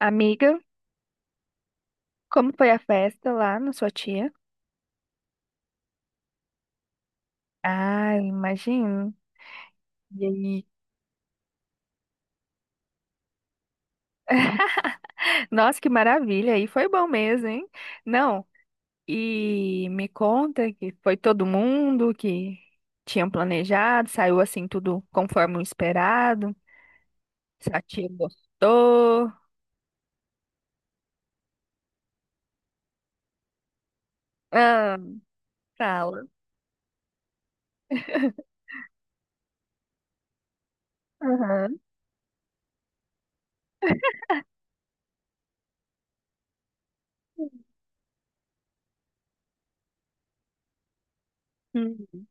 Amiga, como foi a festa lá na sua tia? Ah, imagino. E aí? Nossa, que maravilha! E foi bom mesmo, hein? Não, e me conta que foi todo mundo que tinha planejado, saiu assim tudo conforme o esperado. Sua tia gostou. Ah, fala. Aham. Uhum.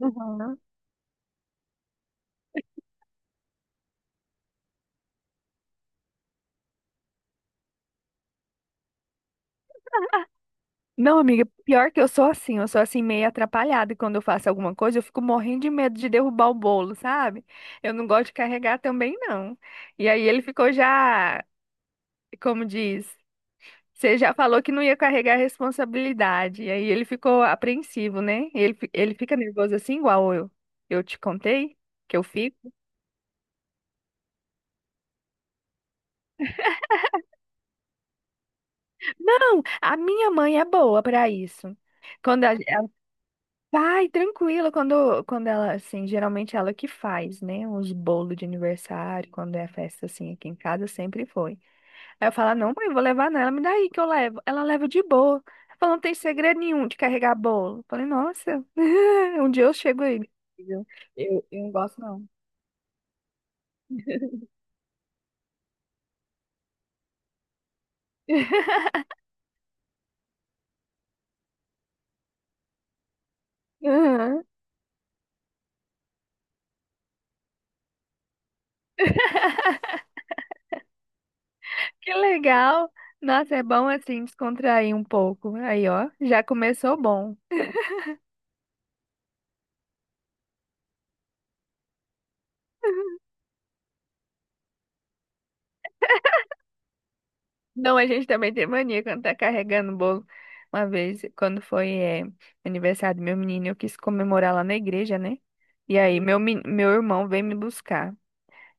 Uhum. Não, amiga, pior que eu sou assim meio atrapalhada e quando eu faço alguma coisa, eu fico morrendo de medo de derrubar o bolo, sabe? Eu não gosto de carregar também, não. E aí ele ficou já, como diz, você já falou que não ia carregar a responsabilidade, e aí ele ficou apreensivo, né? Ele, ele fica nervoso assim, igual eu te contei que eu fico. Não, a minha mãe é boa para isso. Quando a, vai, tranquilo, quando ela, assim, geralmente ela que faz, né, uns bolos de aniversário, quando é festa, assim, aqui em casa, sempre foi. Aí eu falo, "Ah, não, mãe, eu vou levar nela, me dá aí que eu levo. Ela leva de boa. Ela falou, não tem segredo nenhum de carregar bolo. Eu falei, nossa, um dia eu chego aí. Viu? Eu não gosto, não. Aham. Que legal. Nossa, é bom, assim, descontrair um pouco. Aí, ó, já começou bom. Não, a gente também tem mania quando tá carregando o bolo. Uma vez, quando foi, aniversário do meu menino, eu quis comemorar lá na igreja, né? E aí, meu, meu irmão veio me buscar.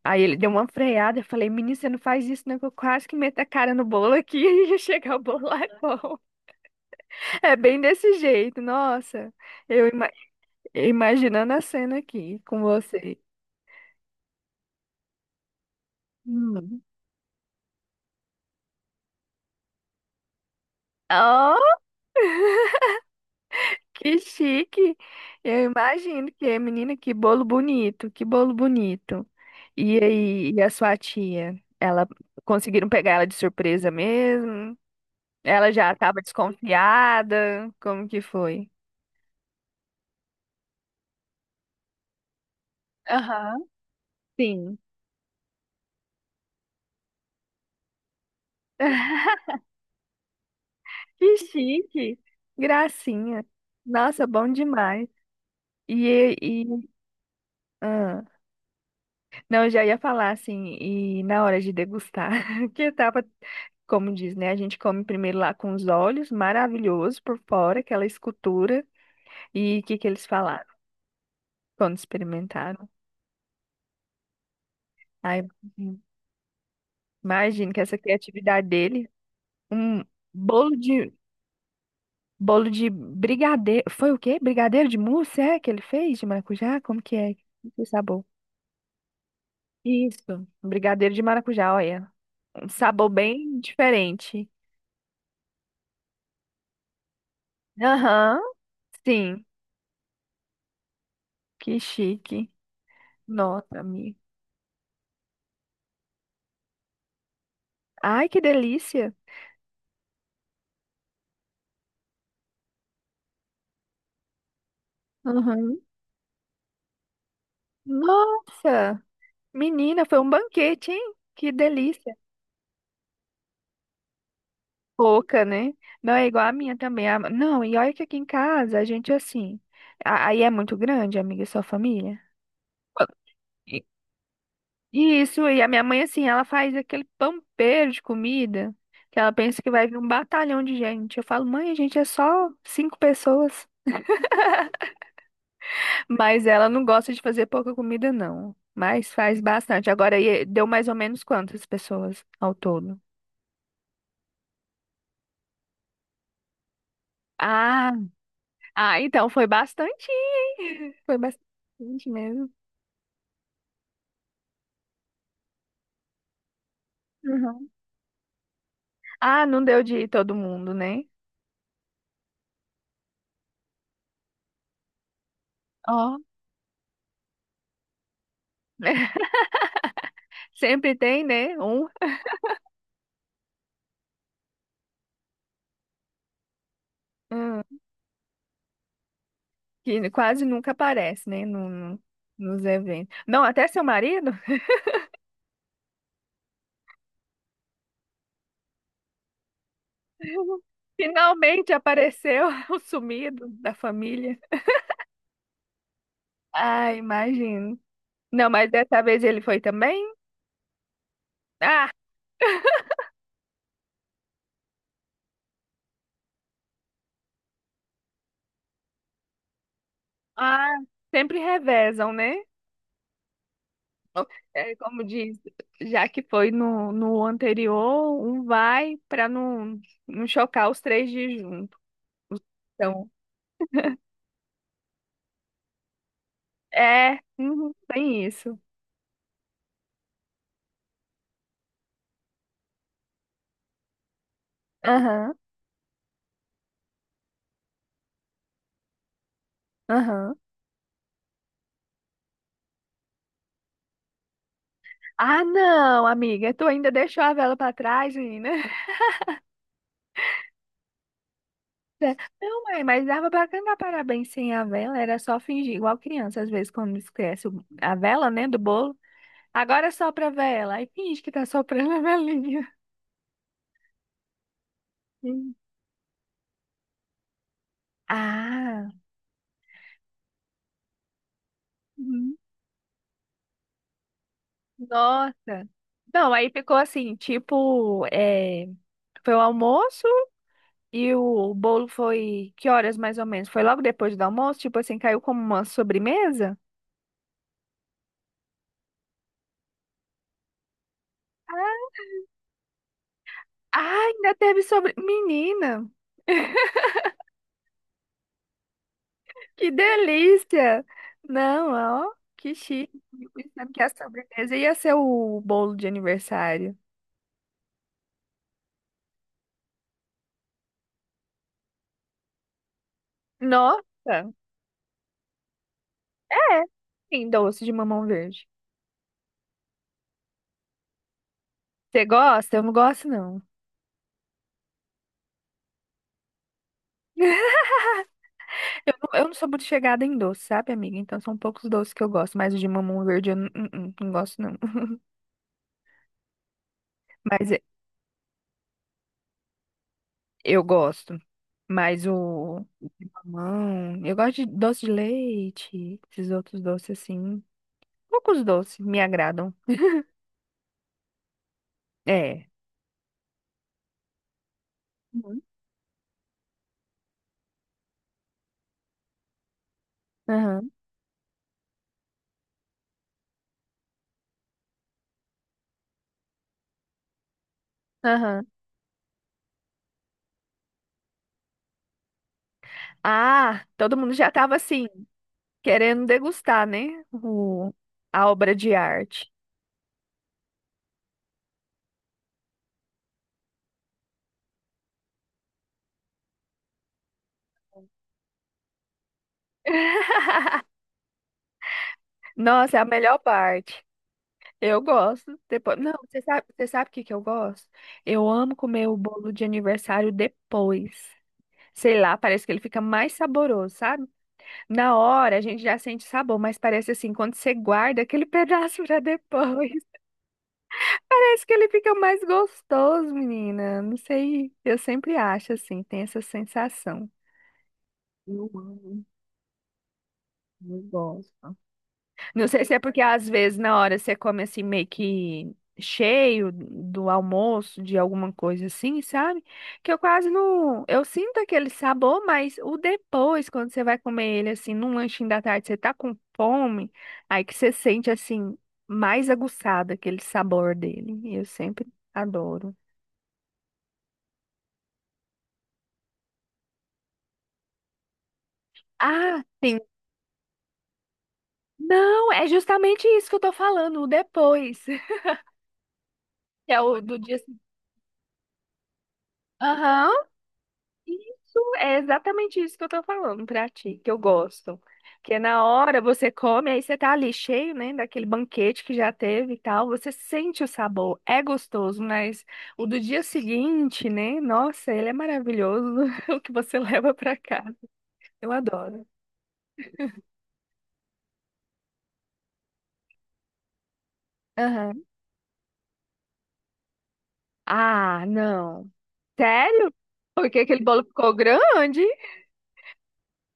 Aí ele deu uma freada, eu falei, menino, você não faz isso, não, que eu quase que meto a cara no bolo aqui e chegar o bolo lá é bom. É bem desse jeito, nossa. Eu ima- Imaginando a cena aqui com você. Hum. Que chique! Eu imagino que, é, menina, que bolo bonito, que bolo bonito. E aí, e a sua tia? Ela conseguiram pegar ela de surpresa mesmo? Ela já estava desconfiada? Como que foi? Aham, sim. Que chique! Gracinha! Nossa, bom demais. E, ah. Não, eu já ia falar assim, e na hora de degustar, que etapa, como diz, né? A gente come primeiro lá com os olhos, maravilhoso por fora, aquela escultura. E o que que eles falaram quando experimentaram? Ai, imagino que essa criatividade dele, um bolo de bolo de brigadeiro, foi o quê? Brigadeiro de mousse, é que ele fez de maracujá? Como que é? Que sabor? Isso, um brigadeiro de maracujá, olha, um sabor bem diferente. Aham. Sim. Que chique. Nota, amigo. Ai, que delícia. Uhum. Nossa, menina, foi um banquete, hein? Que delícia. Pouca, né? Não é igual a minha também. Não, e olha que aqui em casa a gente assim. Aí é muito grande, amiga, sua família. Qua- e- Isso, e a minha mãe assim, ela faz aquele pampeiro de comida que ela pensa que vai vir um batalhão de gente. Eu falo, mãe, a gente é só cinco pessoas. Mas ela não gosta de fazer pouca comida, não. Mas faz bastante. Agora, e deu mais ou menos quantas pessoas ao todo? Ah, ah, então foi bastante, hein? Foi bastante mesmo. Uhum. Ah, não deu de ir todo mundo, né? Ó, sempre tem, né? Um hum, que quase nunca aparece, né? Nos eventos. Não, até seu marido finalmente apareceu, o sumido da família. Ah, imagino. Não, mas dessa vez ele foi também? Ah, ah, sempre revezam, né? É como diz, já que foi no anterior, um vai para não chocar os três de junto. Então, é, uhum, tem isso. Aham, aham. Ah, não, amiga, tu ainda deixou a vela para trás, menina. É, não, mãe, mas dava pra cantar parabéns sem a vela, era só fingir, igual criança, às vezes, quando esquece a vela, né, do bolo. Agora sopra a vela. Aí finge que tá soprando a velinha. Hum. Ah, uhum, nossa. Não, aí ficou assim, tipo, é, foi o almoço e o bolo foi que horas mais ou menos? Foi logo depois do almoço? Tipo assim, caiu como uma sobremesa? Ah, ainda teve sobre... Menina, que delícia! Não, ó, que chique. Eu pensando que a sobremesa ia ser o bolo de aniversário. Nossa! É, sim, doce de mamão verde. Você gosta? Eu não gosto, não. Eu não sou muito chegada em doce, sabe, amiga? Então são poucos doces que eu gosto, mas o de mamão verde eu não gosto, não. Mas eu gosto. Mas o mamão, eu gosto de doce de leite, esses outros doces assim. Poucos doces me agradam. É. Uhum. Aham. Aham. Ah, todo mundo já tava assim, querendo degustar, né? O, a obra de arte. Nossa, é a melhor parte. Eu gosto. Depois... Não, você sabe o que que eu gosto? Eu amo comer o bolo de aniversário depois. Sei lá, parece que ele fica mais saboroso, sabe? Na hora a gente já sente sabor, mas parece assim, quando você guarda aquele pedaço pra depois, parece que ele fica mais gostoso, menina. Não sei, eu sempre acho assim, tem essa sensação. Eu amo, eu gosto. Não sei se é porque às vezes na hora você come assim meio que cheio do almoço, de alguma coisa assim, sabe? Que eu quase não. Eu sinto aquele sabor, mas o depois, quando você vai comer ele assim, num lanchinho da tarde, você tá com fome, aí que você sente assim, mais aguçado aquele sabor dele. Eu sempre adoro. Ah, sim. Não, é justamente isso que eu tô falando, o depois. Que é o do dia. Aham. Isso é exatamente isso que eu tô falando pra ti, que eu gosto. Que na hora você come, aí você tá ali cheio, né, daquele banquete que já teve e tal, você sente o sabor, é gostoso, mas o do dia seguinte, né, nossa, ele é maravilhoso, o que você leva pra casa. Eu adoro. Aham. Ah, não. Sério? Porque aquele bolo ficou grande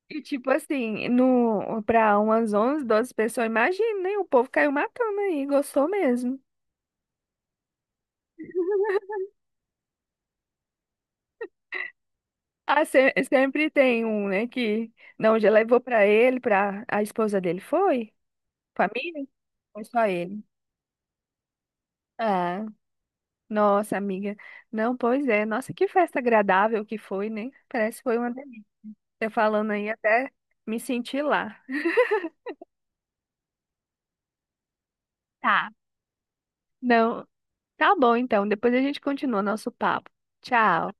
e, tipo assim, no, pra umas 11 12 pessoas, imagina, né, o povo caiu matando aí, gostou mesmo. Ah, sempre tem um, né, que não, já levou pra ele, pra a esposa dele, foi? Família? Foi só ele. Ah, nossa, amiga. Não, pois é. Nossa, que festa agradável que foi, né? Parece que foi uma delícia. Você falando aí até me senti lá. Tá. Não, tá bom então. Depois a gente continua nosso papo. Tchau.